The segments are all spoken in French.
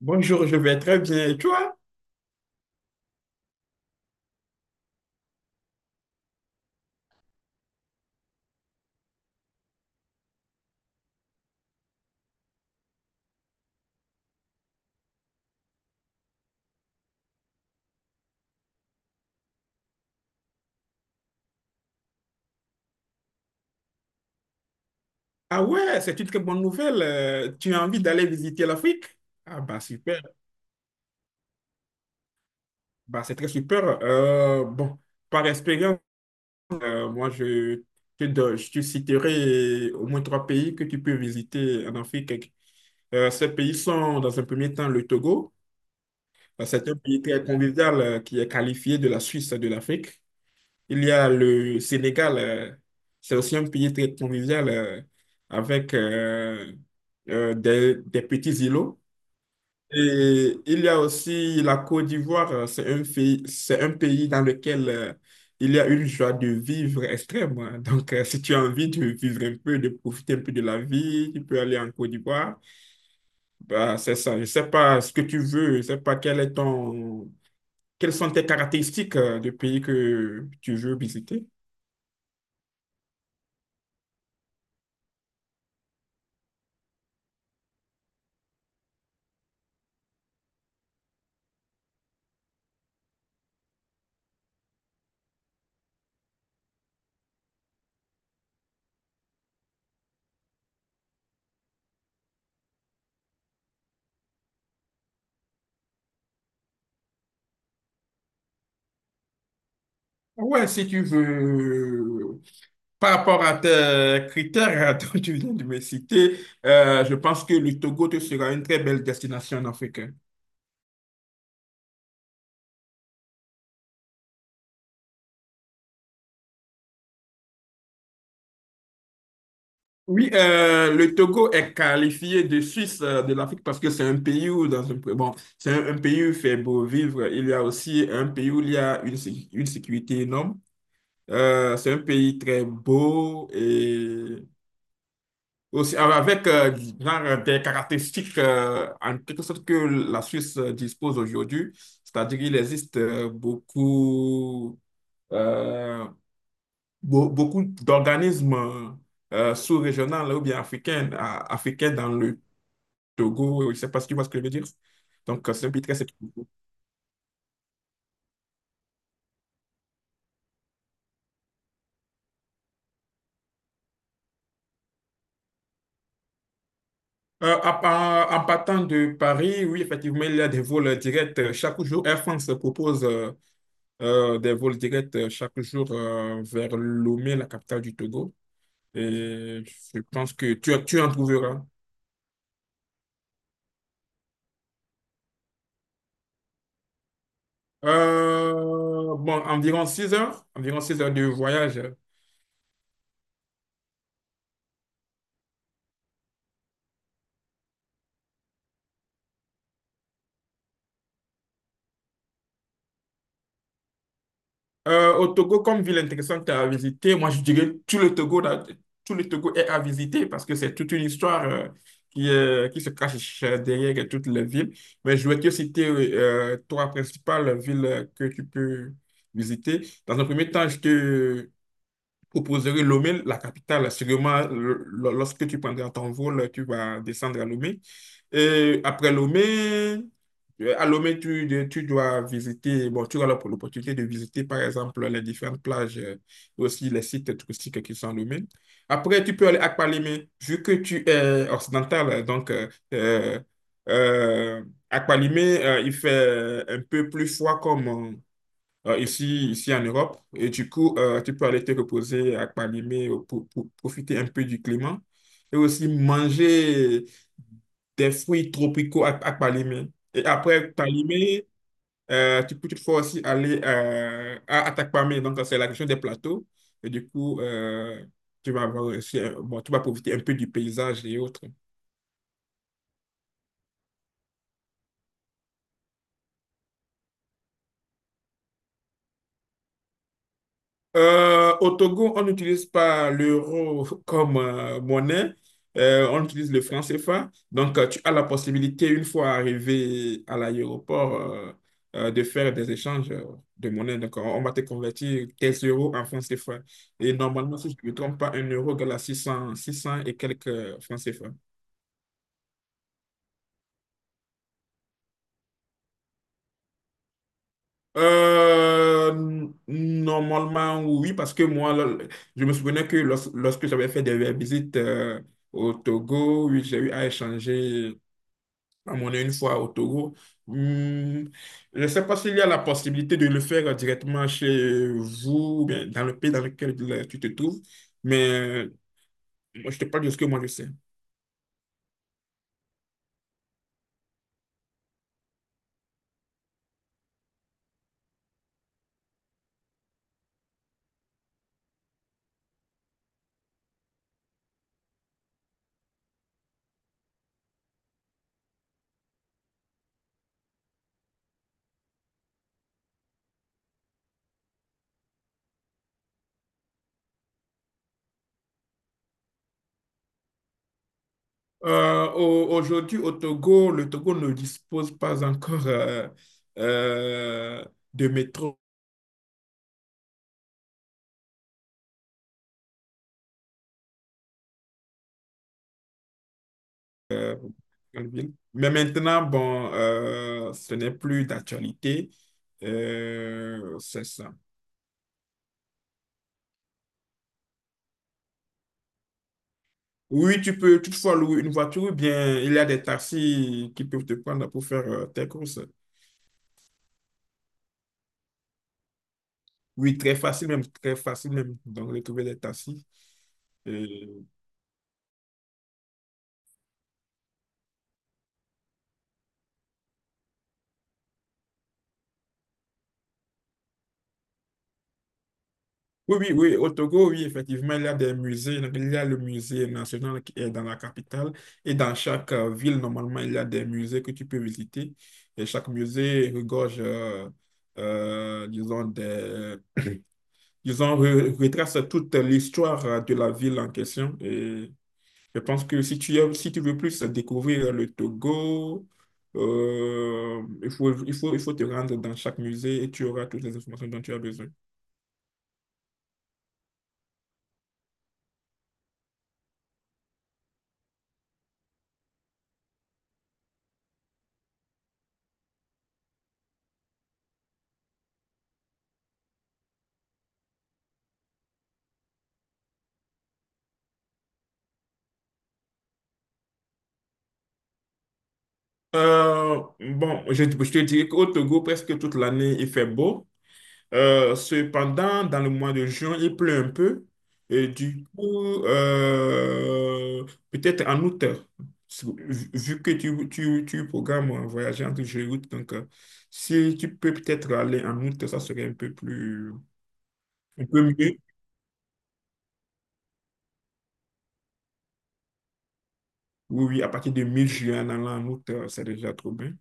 Bonjour, je vais très bien. Et toi? Ah ouais, c'est une très bonne nouvelle. Tu as envie d'aller visiter l'Afrique? Ah bah super, bah c'est très super. Par expérience, moi je te citerai au moins trois pays que tu peux visiter en Afrique. Ces pays sont dans un premier temps le Togo. C'est un pays très convivial qui est qualifié de la Suisse de l'Afrique. Il y a le Sénégal, c'est aussi un pays très convivial avec des petits îlots. Et il y a aussi la Côte d'Ivoire, c'est un pays dans lequel il y a une joie de vivre extrême, hein. Donc, si tu as envie de vivre un peu, de profiter un peu de la vie, tu peux aller en Côte d'Ivoire. Bah, c'est ça. Je sais pas ce que tu veux, je sais pas quel est ton, quelles sont tes caractéristiques de pays que tu veux visiter? Ouais, si tu veux, par rapport à tes critères dont tu viens de me citer, je pense que le Togo te sera une très belle destination en Afrique. Oui, le Togo est qualifié de Suisse de l'Afrique parce que c'est un pays où dans un bon, c'est un pays où il fait beau vivre. Il y a aussi un pays où il y a une sécurité énorme. C'est un pays très beau et aussi avec genre des caractéristiques en quelque sorte que la Suisse dispose aujourd'hui. C'est-à-dire qu'il existe beaucoup. euh, Beaucoup d'organismes sous-régionaux là, ou bien africains dans le Togo. Je ne sais pas si tu vois ce que je veux dire. Donc, c'est un pays très sécurisé. Partant de Paris, oui, effectivement, il y a des vols directs chaque jour. Air France propose des vols directs chaque jour vers Lomé, la capitale du Togo. Et je pense que tu en trouveras. Euh, environ 6 heures de voyage. Au Togo, comme ville intéressante à visiter, moi je dirais tout le Togo, là, tout le Togo est à visiter parce que c'est toute une histoire qui se cache derrière toutes les villes. Mais je vais te citer trois principales villes que tu peux visiter. Dans un premier temps, je te proposerais Lomé, la capitale. Sûrement, lorsque tu prendras ton vol, tu vas descendre à Lomé. Et après Lomé, à Lomé, tu dois visiter, bon, tu auras l'opportunité de visiter, par exemple, les différentes plages et aussi les sites touristiques qui sont à Lomé. Après, tu peux aller à Kpalimé, vu que tu es occidental, donc euh, euh, à Kpalimé, il fait un peu plus froid comme, ici en Europe. Et du coup, tu peux aller te reposer à Palimé pour profiter un peu du climat et aussi manger des fruits tropicaux à Palimé. Et après Palimé, tu peux toutefois aussi aller à Atakpamé, donc c'est la région des plateaux. Et du coup, tu vas avoir aussi bon, tu vas profiter un peu du paysage et autres. Au Togo, on n'utilise pas l'euro comme monnaie. On utilise le franc CFA. Donc, tu as la possibilité, une fois arrivé à l'aéroport, de faire des échanges de monnaie. Donc, on va te convertir tes euros en francs CFA. Et normalement, si je ne me trompe pas, un euro égale à six cents, six 600 et quelques francs CFA. Euh, normalement, oui, parce que moi, je me souvenais que lorsque j'avais fait des visites au Togo, oui, j'ai eu à échanger la monnaie une fois au Togo. Hum, je ne sais pas s'il y a la possibilité de le faire directement chez vous, ou bien dans le pays dans lequel tu te trouves, mais moi, je te parle de ce que moi je sais. Aujourd'hui, au Togo, le Togo ne dispose pas encore euh, de métro. euh, Alvin. Mais maintenant, bon, ce n'est plus d'actualité. C'est ça. Oui, tu peux toutefois louer une voiture ou bien il y a des taxis qui peuvent te prendre pour faire tes courses. Oui, très facile même, très facile même. Donc, de trouver des taxis. Euh, Oui, oui, oui, au Togo, oui, effectivement, il y a des musées. Donc, il y a le musée national qui est dans la capitale. Et dans chaque ville, normalement, il y a des musées que tu peux visiter. Et chaque musée regorge, disons, disons, retrace toute l'histoire de la ville en question. Et je pense que si si tu veux plus découvrir le Togo, il faut te rendre dans chaque musée et tu auras toutes les informations dont tu as besoin. Je te dirais qu'au Togo, presque toute l'année, il fait beau. Cependant, dans le mois de juin, il pleut un peu. Et du coup, peut-être en août, vu que tu programmes voyager entre juillet et août, donc si tu peux peut-être aller en août, ça serait un peu plus, un peu mieux. Oui, oui, à partir de mi-juillet en allant en août, c'est déjà trop bien.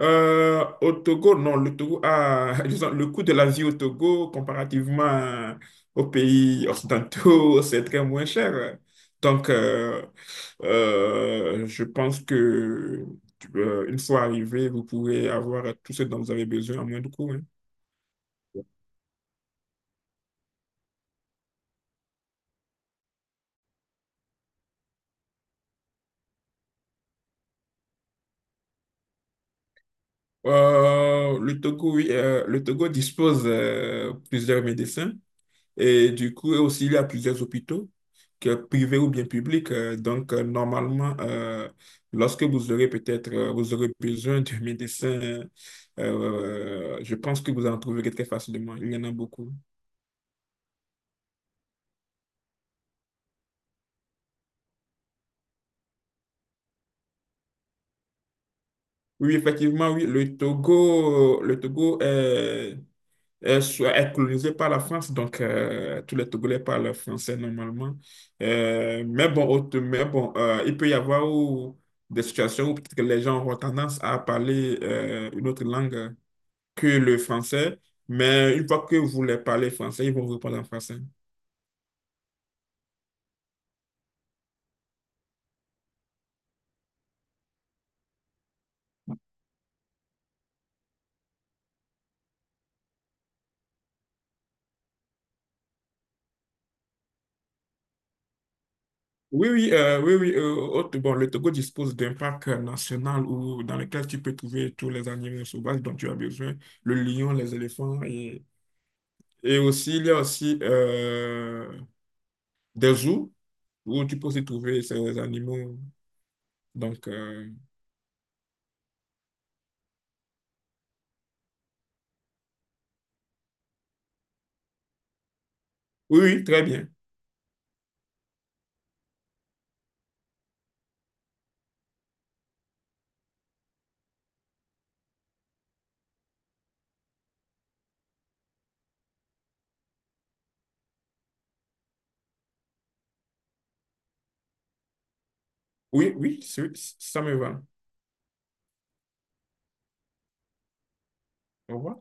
Au Togo, non, le Togo a, disons, le coût de la vie au Togo, comparativement aux pays occidentaux, c'est très moins cher. Donc, je pense que une fois arrivé, vous pourrez avoir tout ce dont vous avez besoin à moins de coûts, hein. Le Togo, oui, le Togo dispose plusieurs médecins et du coup aussi il y a plusieurs hôpitaux, que privés ou bien publics. Donc, normalement, lorsque vous aurez peut-être vous aurez besoin d'un médecin, je pense que vous en trouverez très facilement. Il y en a beaucoup. Oui, effectivement, oui, le Togo est est colonisée par la France, donc tous les Togolais parlent français normalement. Mais bon, il peut y avoir des situations où peut-être que les gens auront tendance à parler une autre langue que le français, mais une fois que vous les parlez français, ils vont vous parler en français. Oui, oui, oui, oui. Bon, le Togo dispose d'un parc national où, dans lequel tu peux trouver tous les animaux sauvages dont tu as besoin, le lion, les éléphants. Et aussi, il y a aussi des zoos où tu peux aussi trouver ces animaux. Donc, oui, oui, très bien. Oui, oui, ça me va. Au revoir.